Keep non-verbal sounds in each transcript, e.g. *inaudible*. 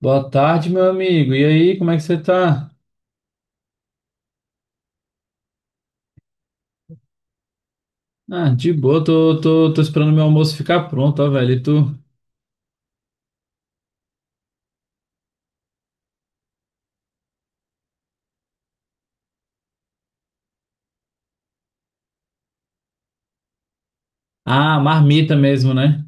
Boa tarde, meu amigo. E aí, como é que você tá? Ah, de boa, tô esperando meu almoço ficar pronto, ó, velho. E tu? Ah, marmita mesmo, né?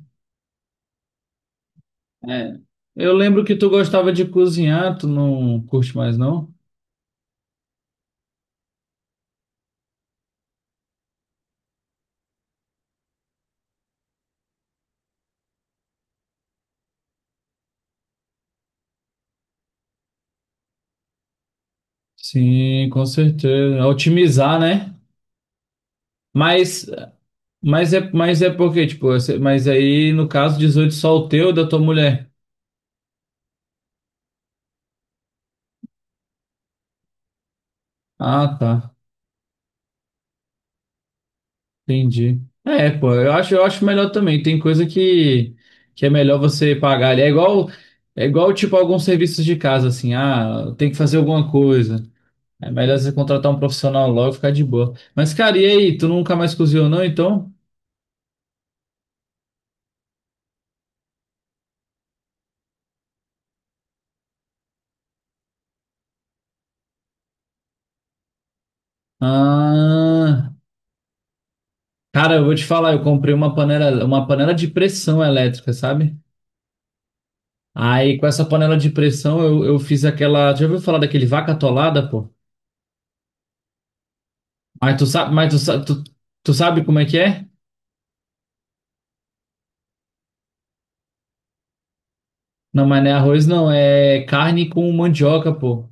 É. Eu lembro que tu gostava de cozinhar, tu não curte mais, não? Sim, com certeza. Otimizar, né? Mas, mas é porque, tipo, mas aí, no caso, 18 só o teu e da tua mulher. Ah, tá. Entendi. É, pô, eu acho melhor também. Que é melhor você pagar ali. É igual, tipo, alguns serviços de casa, assim, ah, tem que fazer alguma coisa. É melhor você contratar um profissional logo e ficar de boa. Mas, cara, e aí? Tu nunca mais cozinhou, não, então? Ah, cara, eu vou te falar, eu comprei uma panela de pressão elétrica, sabe? Aí, com essa panela de pressão, eu fiz aquela. Já ouviu falar daquele vaca atolada, pô? Mas tu sabe, mas tu, sa- tu, tu sabe como é que é? Não, mas não é arroz, não. É carne com mandioca, pô.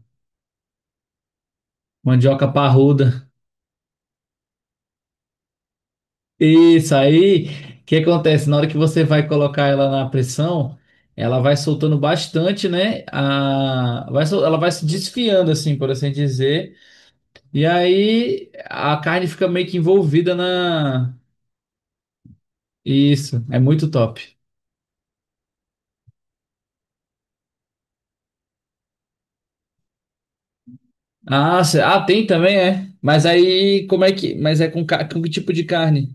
Mandioca parruda. Isso aí. O que acontece? Na hora que você vai colocar ela na pressão, ela vai soltando bastante, né? Ela vai se desfiando, assim, por assim dizer. E aí a carne fica meio que envolvida na. Isso. É muito top. Ah, tem também, é. Mas aí, como é que. Mas é com, com que tipo de carne?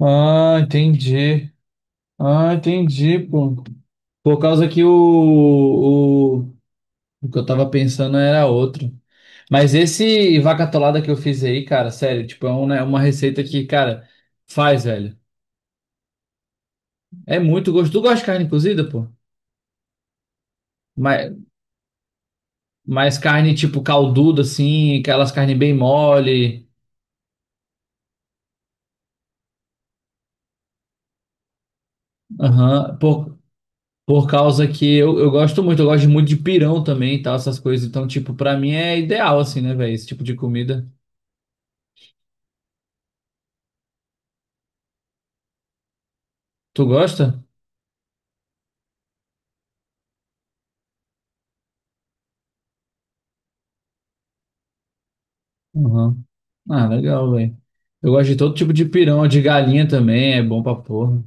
Ah, entendi. Ah, entendi, pô. Por causa que o que eu tava pensando era outro. Mas esse vaca atolada que eu fiz aí, cara, sério, tipo, é um, né, uma receita que, cara, faz, velho. É muito gostoso. Tu gosta de carne cozida, pô? Mas, mas carne, tipo, calduda, assim, aquelas carnes bem mole. Aham. Por causa que eu gosto muito de pirão também e tal, essas coisas. Então, tipo, pra mim é ideal, assim, né, velho, esse tipo de comida. Tu gosta? Aham. Ah, legal, velho. Eu gosto de todo tipo de pirão, de galinha também, é bom pra porra.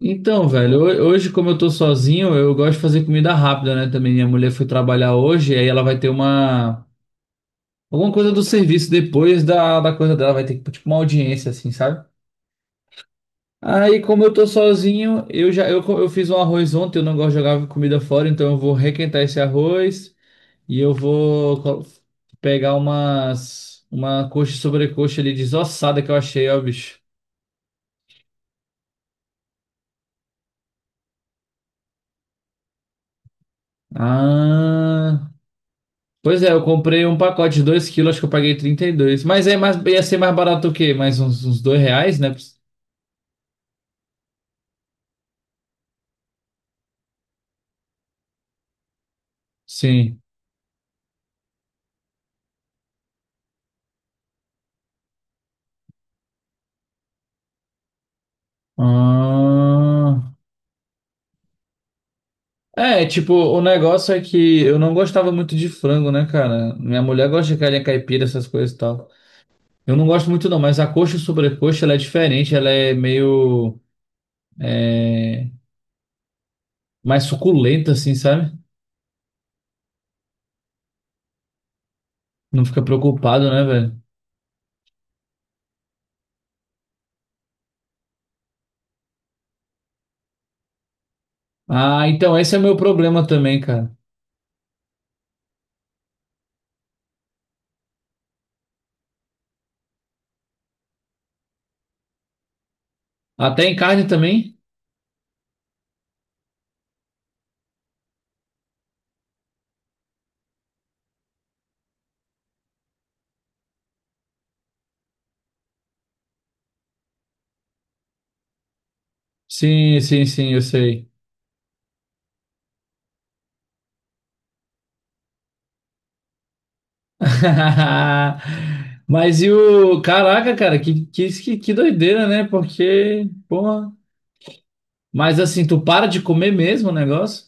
Então, velho, hoje, como eu tô sozinho, eu gosto de fazer comida rápida, né? Também minha mulher foi trabalhar hoje, aí ela vai ter uma. Alguma coisa do serviço depois da, da coisa dela, vai ter tipo uma audiência, assim, sabe? Aí, como eu tô sozinho, eu fiz um arroz ontem, eu não gosto de jogar comida fora, então eu vou requentar esse arroz e pegar umas. Uma coxa e sobrecoxa ali desossada que eu achei, ó, bicho. Ah, pois é, eu comprei um pacote de 2 kg, acho que eu paguei 32. Mas é mais, ia ser mais barato o quê? Mais uns, uns R$ 2, né? Sim. Ah, é, tipo, o negócio é que eu não gostava muito de frango, né, cara? Minha mulher gosta de galinha caipira, essas coisas e tal. Eu não gosto muito não, mas a coxa e sobrecoxa, ela é diferente, ela é meio mais suculenta, assim, sabe? Não fica preocupado, né, velho? Ah, então esse é o meu problema também, cara. Até em carne também? Sim, eu sei. *laughs* Mas e o. Caraca, cara, que doideira, né? Porque, porra. Mas assim, tu para de comer mesmo o negócio?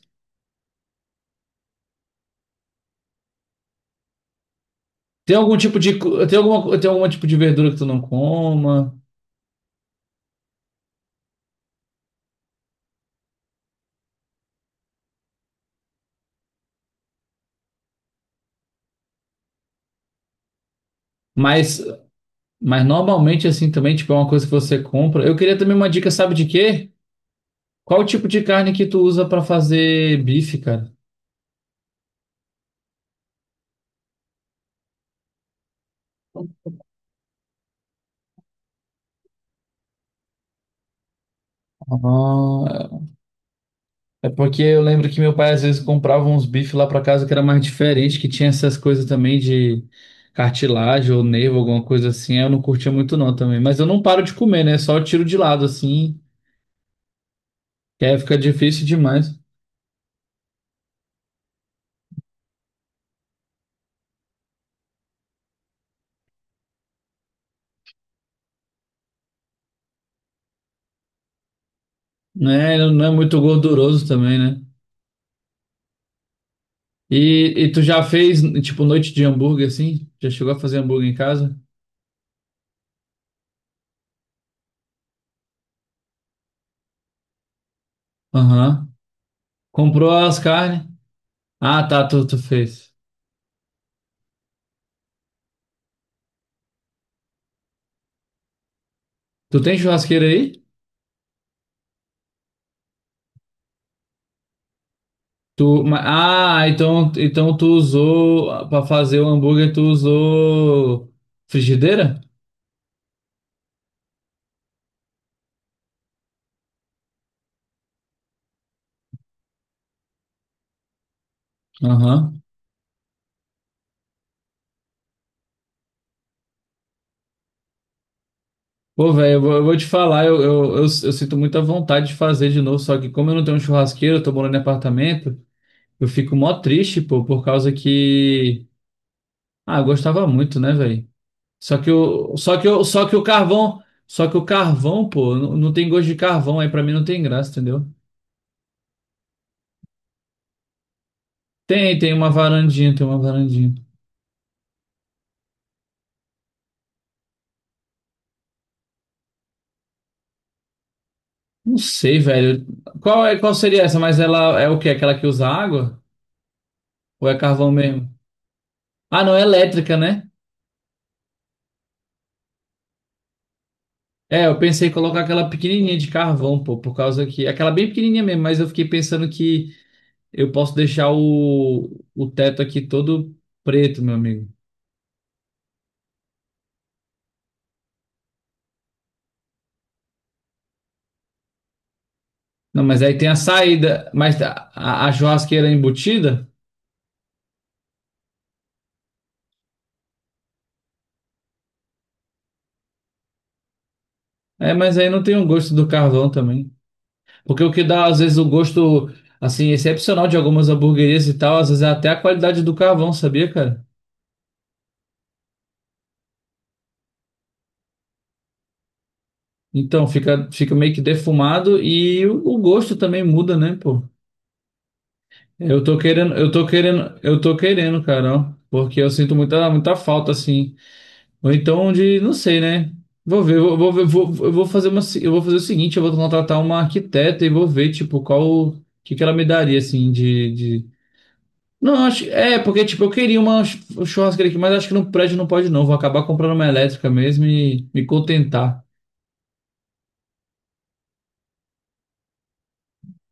Tem algum tipo de verdura que tu não coma? Mas, mas normalmente, assim, também, tipo, é uma coisa que você compra. Eu queria também uma dica, sabe de quê? Qual o tipo de carne que tu usa pra fazer bife, cara? Ah, é porque eu lembro que meu pai às vezes comprava uns bifes lá pra casa que era mais diferente, que tinha essas coisas também de cartilagem ou nervo, alguma coisa assim. Eu não curtia muito não também. Mas eu não paro de comer, né? Só eu tiro de lado assim, que aí fica difícil demais. Né? Não é muito gorduroso também, né? E tu já fez, tipo, noite de hambúrguer assim? Já chegou a fazer hambúrguer em casa? Aham. Comprou as carnes? Ah, tá, tu fez. Tu tem churrasqueira aí? Tu, ma- ah, então, então tu usou pra fazer o hambúrguer, tu usou frigideira? Aham. Pô, velho, eu vou te falar, eu sinto muita vontade de fazer de novo, só que como eu não tenho um churrasqueiro, eu tô morando em apartamento, eu fico mó triste, pô, por causa que. Ah, eu gostava muito, né, velho? Só que o, só que o, só que o carvão, só que o carvão, pô, não, não tem gosto de carvão, aí pra mim não tem graça, entendeu? Tem uma varandinha, tem uma varandinha. Não sei, velho. Qual é, qual seria essa? Mas ela é o quê? Aquela que usa água? Ou é carvão mesmo? Ah, não, é elétrica, né? É, eu pensei em colocar aquela pequenininha de carvão, pô, por causa que. Aquela bem pequenininha mesmo, mas eu fiquei pensando que eu posso deixar o teto aqui todo preto, meu amigo. Não, mas aí tem a saída, mas a a churrasqueira embutida? É, mas aí não tem o gosto do carvão também. Porque o que dá, às vezes, o gosto, assim, excepcional de algumas hamburguerias e tal, às vezes é até a qualidade do carvão, sabia, cara? Então, fica meio que defumado e o gosto também muda, né, pô? Eu tô querendo, cara, ó, porque eu sinto muita falta, assim. Ou então de, não sei, né? Eu vou fazer uma, eu vou fazer o seguinte, eu vou contratar uma arquiteta e vou ver, tipo, qual, o que que ela me daria, assim, de... Não, acho, é, porque, tipo, eu queria uma churrasqueira aqui, mas acho que no prédio não pode não, vou acabar comprando uma elétrica mesmo e me contentar.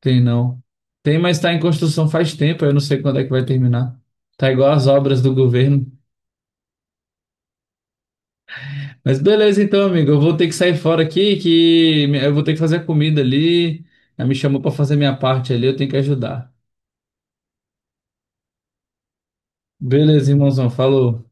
Tem não. Tem, mas está em construção faz tempo, eu não sei quando é que vai terminar. Tá igual as obras do governo. Mas beleza então, amigo, eu vou ter que sair fora aqui, que eu vou ter que fazer a comida ali. Ela me chamou para fazer minha parte ali, eu tenho que ajudar. Beleza, irmãozão, falou.